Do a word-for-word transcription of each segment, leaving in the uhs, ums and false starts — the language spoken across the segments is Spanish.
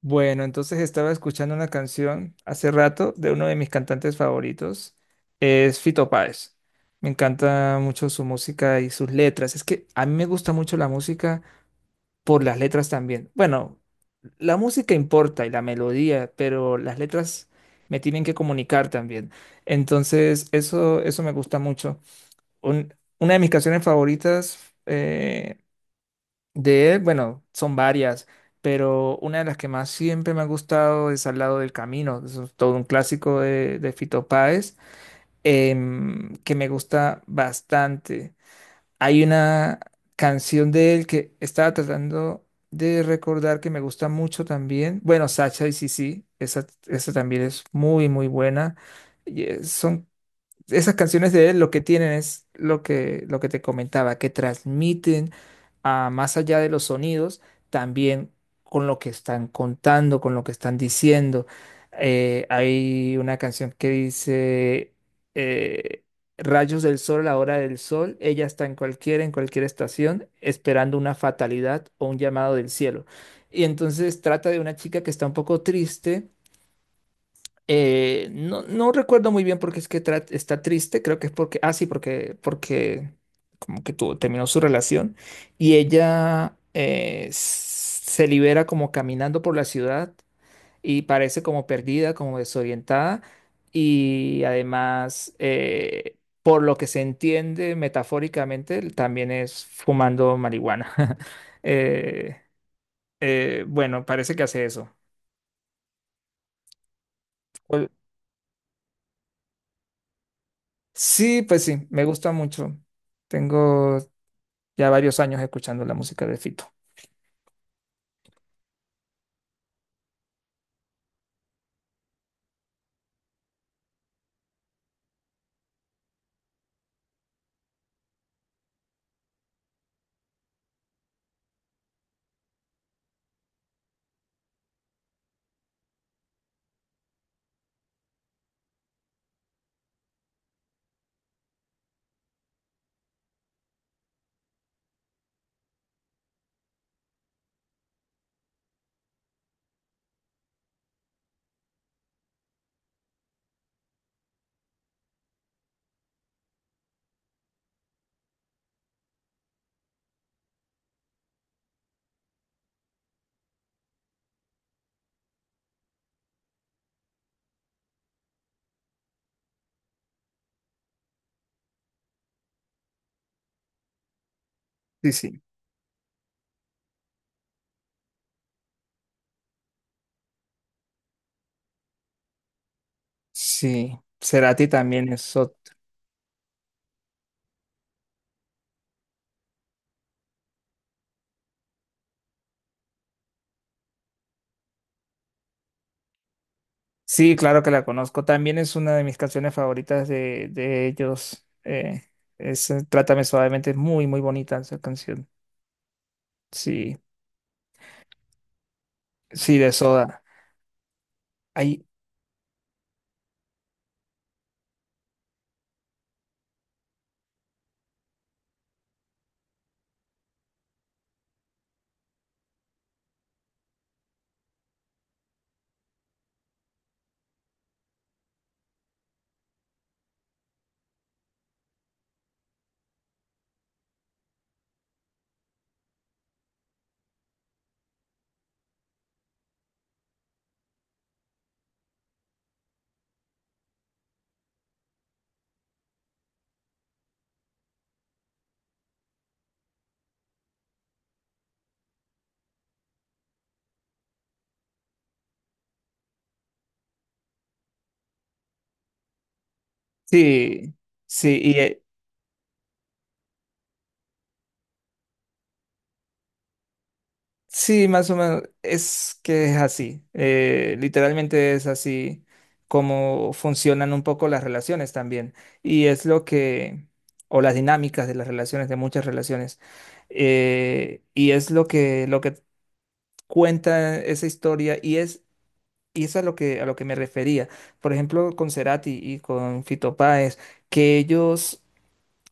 Bueno, entonces estaba escuchando una canción hace rato de uno de mis cantantes favoritos, es Fito Páez. Me encanta mucho su música y sus letras. Es que a mí me gusta mucho la música por las letras también. Bueno, la música importa y la melodía, pero las letras me tienen que comunicar también. Entonces, eso, eso me gusta mucho. Un- una de mis canciones favoritas eh, de él, bueno, son varias, pero una de las que más siempre me ha gustado es Al lado del camino, eso es todo un clásico de, de Fito Páez, em, que me gusta bastante. Hay una canción de él que estaba tratando de recordar que me gusta mucho también. Bueno, Sacha y Sisi, esa, esa también es muy, muy buena. Y, eh, son esas canciones de él lo que tienen es lo que, lo que te comentaba, que transmiten a más allá de los sonidos, también con lo que están contando, con lo que están diciendo. Eh, hay una canción que dice eh, Rayos del sol, la hora del sol, ella está en cualquiera, en cualquier estación, esperando una fatalidad o un llamado del cielo. Y entonces trata de una chica que está un poco triste. Eh, no, no recuerdo muy bien porque es que tra- está triste. Creo que es porque, ah, sí, porque, porque como que tuvo, terminó su relación y ella eh, s- se libera como caminando por la ciudad y parece como perdida, como desorientada y además, eh, por lo que se entiende metafóricamente, también es fumando marihuana. Eh, eh, bueno, parece que hace eso. Sí, pues sí, me gusta mucho. Tengo ya varios años escuchando la música de Fito. Sí, sí. Sí, Cerati también es ot- Sí, claro que la conozco. También es una de mis canciones favoritas de, de ellos. Eh, es eh, Trátame suavemente, es muy, muy bonita esa canción. Sí, sí, de Soda. Hay, Sí, sí, y eh, sí, más o menos es que es así. eh, literalmente es así como funcionan un poco las relaciones también. Y es lo que, o las dinámicas de las relaciones, de muchas relaciones. eh, y es lo que, lo que cuenta esa historia y es, y es a lo que, a lo que me refería. Por ejemplo, con Cerati y con Fito Páez, que ellos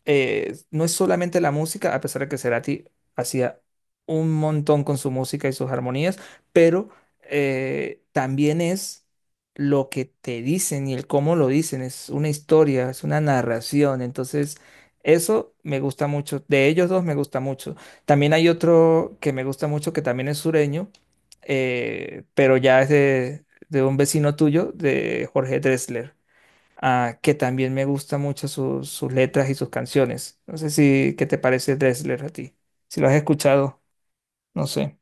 eh, no es solamente la música, a pesar de que Cerati hacía un montón con su música y sus armonías, pero eh, también es lo que te dicen y el cómo lo dicen, es una historia, es una narración, entonces eso me gusta mucho, de ellos dos me gusta mucho. También hay otro que me gusta mucho que también es sureño, eh, pero ya es de, de un vecino tuyo, de Jorge Drexler, ah, que también me gusta mucho sus sus letras y sus canciones. No sé si, ¿qué te parece Dressler a ti? Si lo has escuchado, no sé.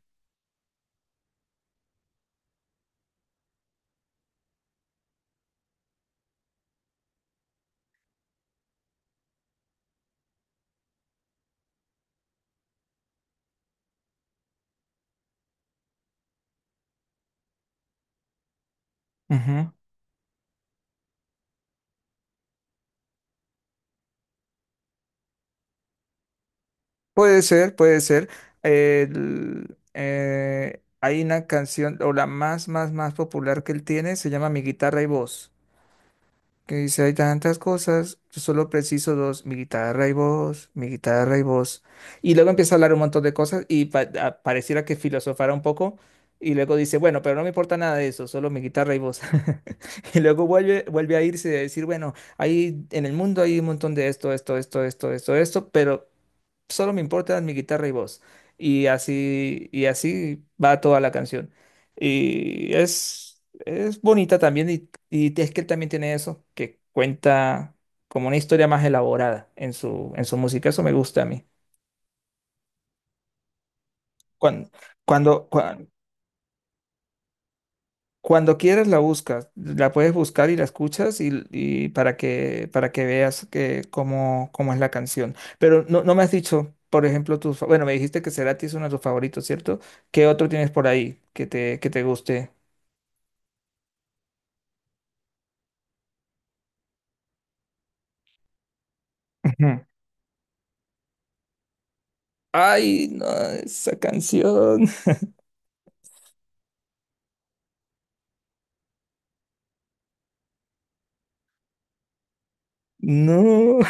Ujú. Puede ser, puede ser. El- eh, hay una canción, o la más, más, más popular que él tiene, se llama Mi guitarra y voz. Que dice, hay tantas cosas, yo solo preciso dos, mi guitarra y voz, mi guitarra y voz. Y luego empieza a hablar un montón de cosas y pa- a- pareciera que filosofara un poco. Y luego dice, bueno, pero no me importa nada de eso, solo mi guitarra y voz. Y luego vuelve, vuelve a irse y a decir, bueno, ahí en el mundo hay un montón de esto, esto, esto, esto, esto, esto, pero solo me importan mi guitarra y voz. Y así, y así va toda la canción. Y es, es bonita también, y, y es que él también tiene eso, que cuenta como una historia más elaborada en su, en su música. Eso me gusta a mí. Cuando, cuando, cua- Cuando quieras la buscas, la puedes buscar y la escuchas y, y para que, para que veas que, cómo, cómo es la canción. Pero no, no me has dicho, por ejemplo, tus... fa- Bueno, me dijiste que Cerati es uno de tus favoritos, ¿cierto? ¿Qué otro tienes por ahí que te, que te guste? Ujú. Ay, no, esa canción. No.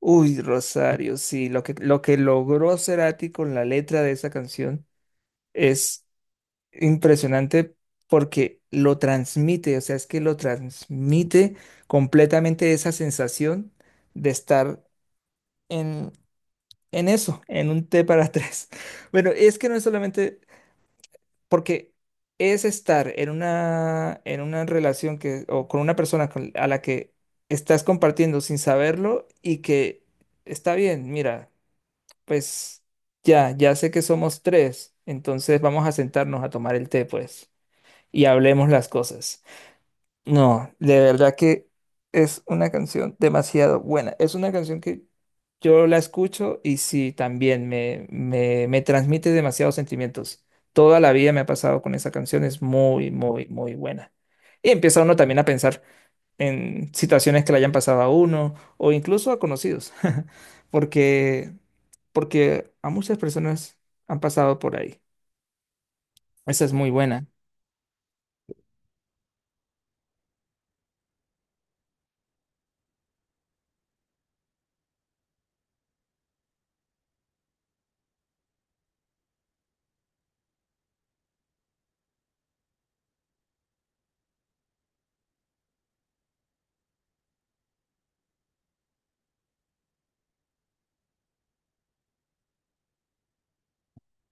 Uy, Rosario, sí, lo que, lo que logró Cerati con la letra de esa canción es impresionante porque lo transmite, o sea, es que lo transmite completamente esa sensación de estar en, en eso, en un té para tres. Bueno, es que no es solamente porque es estar en una, en una relación que, o con una persona con- a la que estás compartiendo sin saberlo y que está bien, mira, pues ya, ya sé que somos tres, entonces vamos a sentarnos a tomar el té, pues y hablemos las cosas. No, de verdad que es una canción demasiado buena. Es una canción que yo la escucho y sí, también me, me, me transmite demasiados sentimientos. Toda la vida me ha pasado con esa canción, es muy, muy, muy buena. Y empieza uno también a pensar en situaciones que le hayan pasado a uno o incluso a conocidos, porque, porque a muchas personas han pasado por ahí. Esa es muy buena.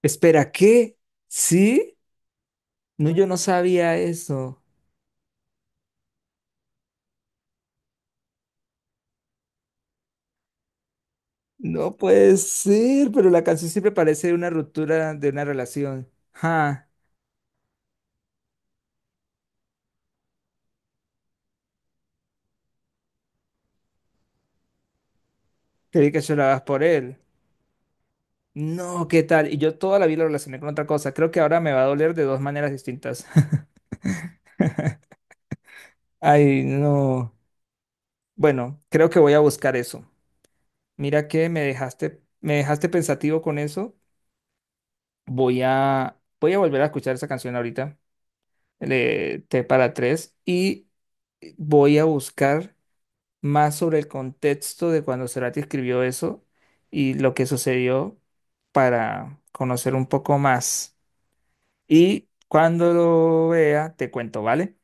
Espera, ¿qué? ¿Sí? No, yo no sabía eso. No puede ser, pero la canción siempre parece una ruptura de una relación. Ja, creí que llorabas por él. No, ¿qué tal? Y yo toda la vida lo relacioné con otra cosa. Creo que ahora me va a doler de dos maneras distintas. Ay, no. Bueno, creo que voy a buscar eso. Mira que me dejaste, me dejaste pensativo con eso. Voy a, voy a volver a escuchar esa canción ahorita, el de T para tres, y voy a buscar más sobre el contexto de cuando Cerati escribió eso y lo que sucedió para conocer un poco más. Y cuando lo vea, te cuento, ¿vale?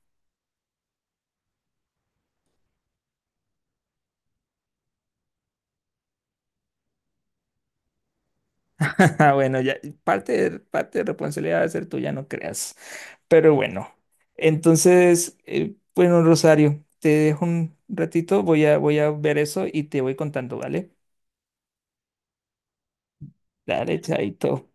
Ah, bueno, ya parte de, parte de responsabilidad va a ser tuya, no creas. Pero bueno, entonces, eh, bueno, Rosario, te dejo un ratito, voy a, voy a ver eso y te voy contando, ¿vale? Dale, chaito.